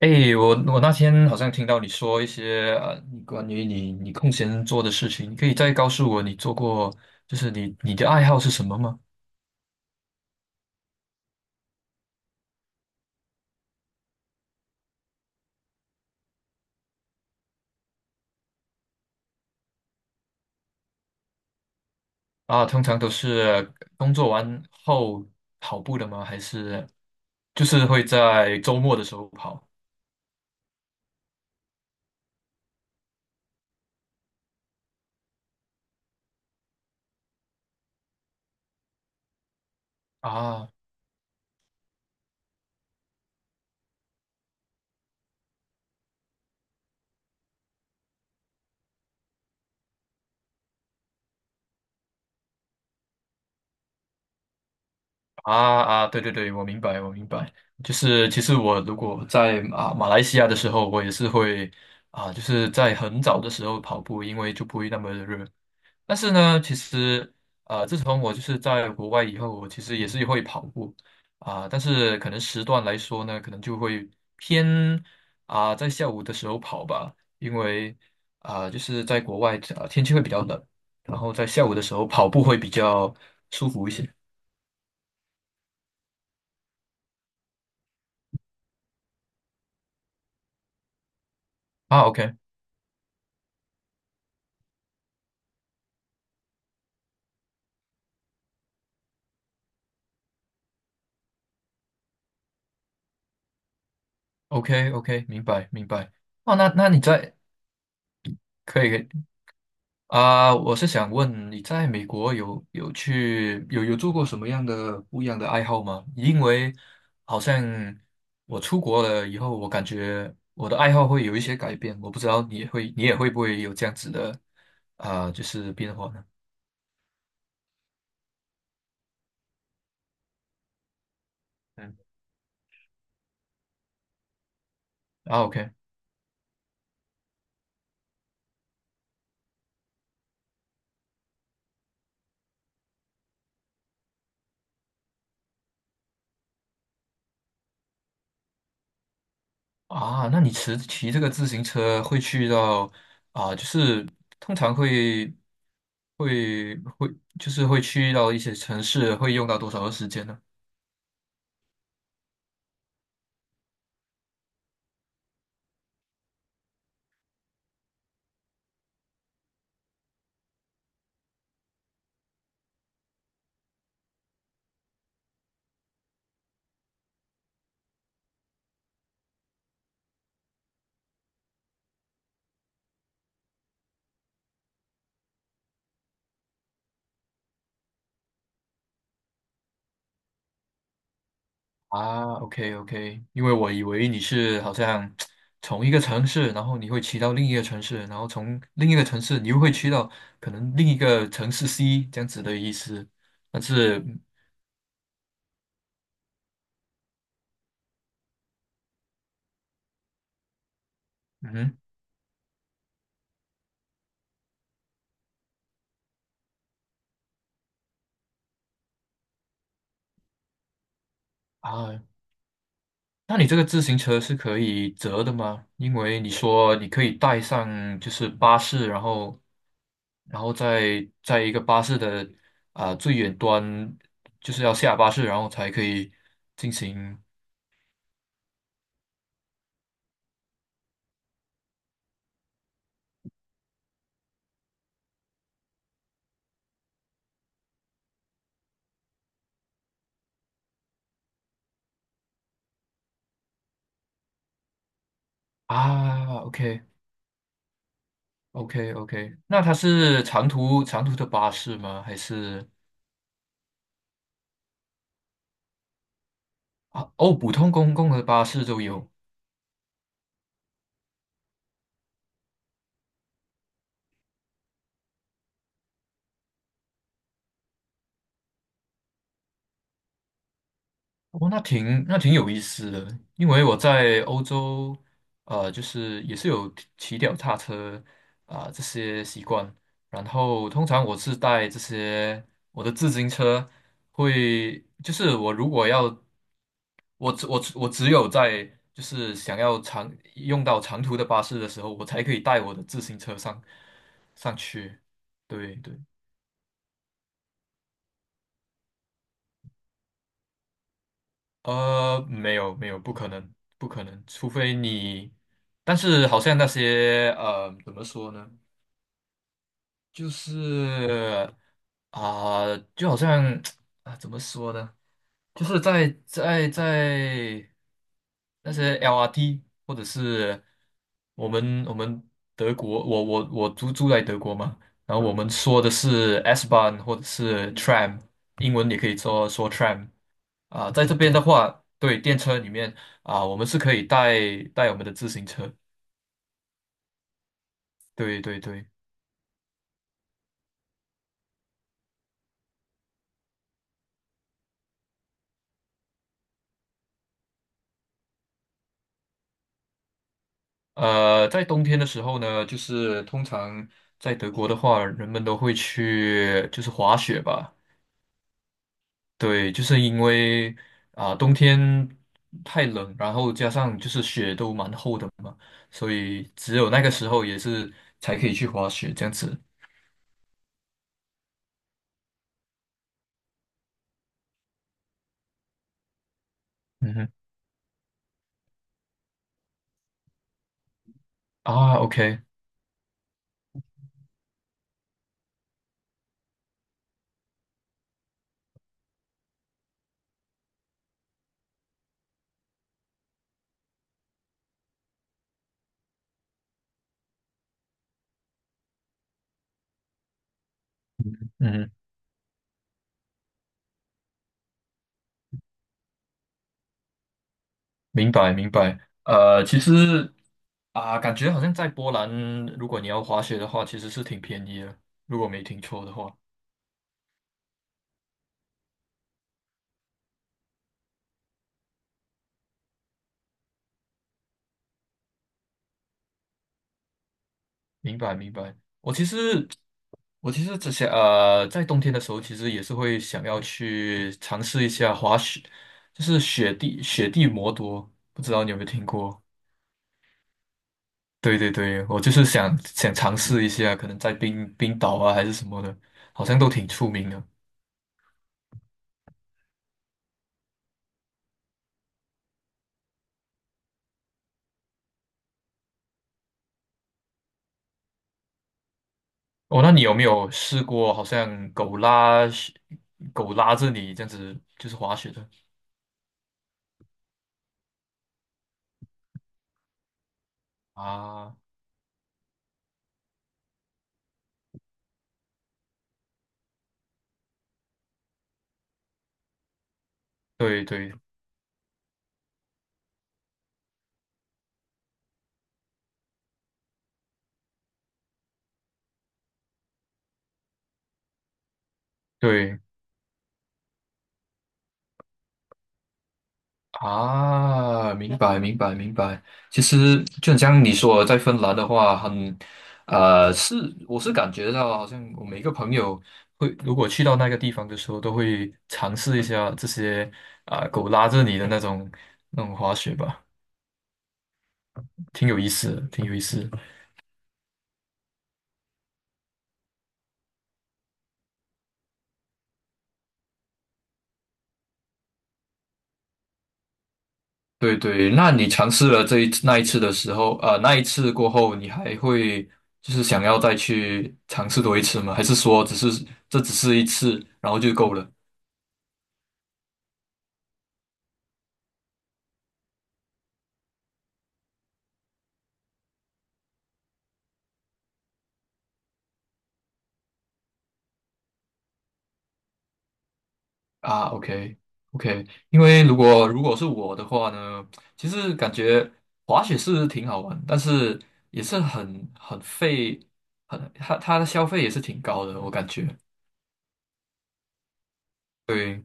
诶，我那天好像听到你说一些你关于你空闲做的事情，你可以再告诉我你做过，就是你的爱好是什么吗？啊，通常都是工作完后跑步的吗？还是就是会在周末的时候跑？啊啊啊！对对对，我明白，我明白。就是其实我如果在啊马来西亚的时候，我也是会啊，就是在很早的时候跑步，因为就不会那么的热。但是呢，其实自从我就是在国外以后，我其实也是会跑步啊、但是可能时段来说呢，可能就会偏啊、在下午的时候跑吧，因为啊、就是在国外天气会比较冷，然后在下午的时候跑步会比较舒服一些啊。OK OK，明白明白。哦，那那你在可以可以啊，我是想问你在美国有去有做过什么样的不一样的爱好吗？因为好像我出国了以后，我感觉我的爱好会有一些改变，我不知道你也会你也会不会有这样子的啊、就是变化呢？嗯，啊，OK，啊，那你骑这个自行车会去到啊，就是通常会会就是会去到一些城市，会用到多少的时间呢？啊，OK OK，因为我以为你是好像从一个城市，然后你会骑到另一个城市，然后从另一个城市你又会骑到可能另一个城市 C 这样子的意思。但是，嗯哼啊，那你这个自行车是可以折的吗？因为你说你可以带上就是巴士，然后然后再在一个巴士的啊、最远端，就是要下巴士，然后才可以进行啊，OK。OK OK，那它是长途长途的巴士吗？还是啊？哦，普通公共的巴士都有。哦，那挺那挺有意思的，因为我在欧洲，就是也是有骑脚踏车啊、这些习惯，然后通常我是带这些我的自行车会，就是我如果要，我只有在就是想要长用到长途的巴士的时候，我才可以带我的自行车上上去，对对。没有没有，不可能，不可能，除非你，但是好像那些怎么说呢，就是啊、就好像 啊，怎么说呢，就是在那些 LRT 或者是我们德国，我住在德国嘛，然后我们说的是 S-Bahn 或者是 tram，英文也可以说 tram。啊，在这边的话，对，电车里面啊，我们是可以带带我们的自行车。对对对，呃，在冬天的时候呢，就是通常在德国的话，人们都会去就是滑雪吧。对，就是因为啊，冬天太冷，然后加上就是雪都蛮厚的嘛，所以只有那个时候也是才可以去滑雪这样子。嗯哼，啊，OK，嗯明白明白。呃，其实。啊，感觉好像在波兰，如果你要滑雪的话，其实是挺便宜的，如果没听错的话。明白，明白。我其实，我其实之前在冬天的时候，其实也是会想要去尝试一下滑雪，就是雪地摩托，不知道你有没有听过？对对对，我就是想尝试一下，可能在冰岛啊还是什么的，好像都挺出名的。哦，那你有没有试过，好像狗拉狗拉着你这样子，就是滑雪的？啊，对对对啊，明白明白明白。其实就很像你说的，在芬兰的话，很是我是感觉到，好像我每个朋友会，如果去到那个地方的时候，都会尝试一下这些啊、狗拉着你的那种那种滑雪吧，挺有意思的，挺有意思的。对对，那你尝试了这一次那一次的时候，那一次过后，你还会就是想要再去尝试多一次吗？还是说只是这只是一次，然后就够了啊？OK OK，因为如果如果是我的话呢，其实感觉滑雪是挺好玩，但是也是很费，很它的消费也是挺高的，我感觉。对。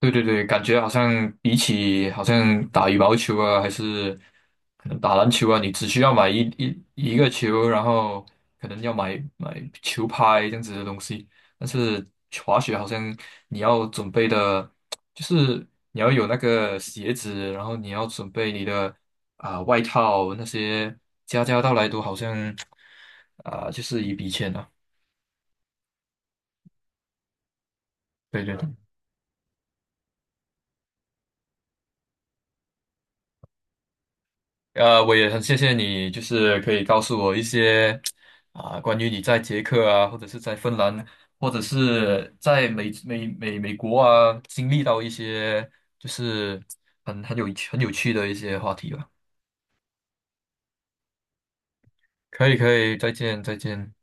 对对对，感觉好像比起好像打羽毛球啊，还是可能打篮球啊，你只需要买一一个球，然后可能要买球拍这样子的东西。但是滑雪好像你要准备的，就是你要有那个鞋子，然后你要准备你的啊、外套那些，家家到来都好像啊、就是一笔钱啊。对对对。呃，我也很谢谢你，就是可以告诉我一些啊、关于你在捷克啊，或者是在芬兰，或者是在美国啊，经历到一些就是很有趣的一些话题吧。可以，可以，再见，再见。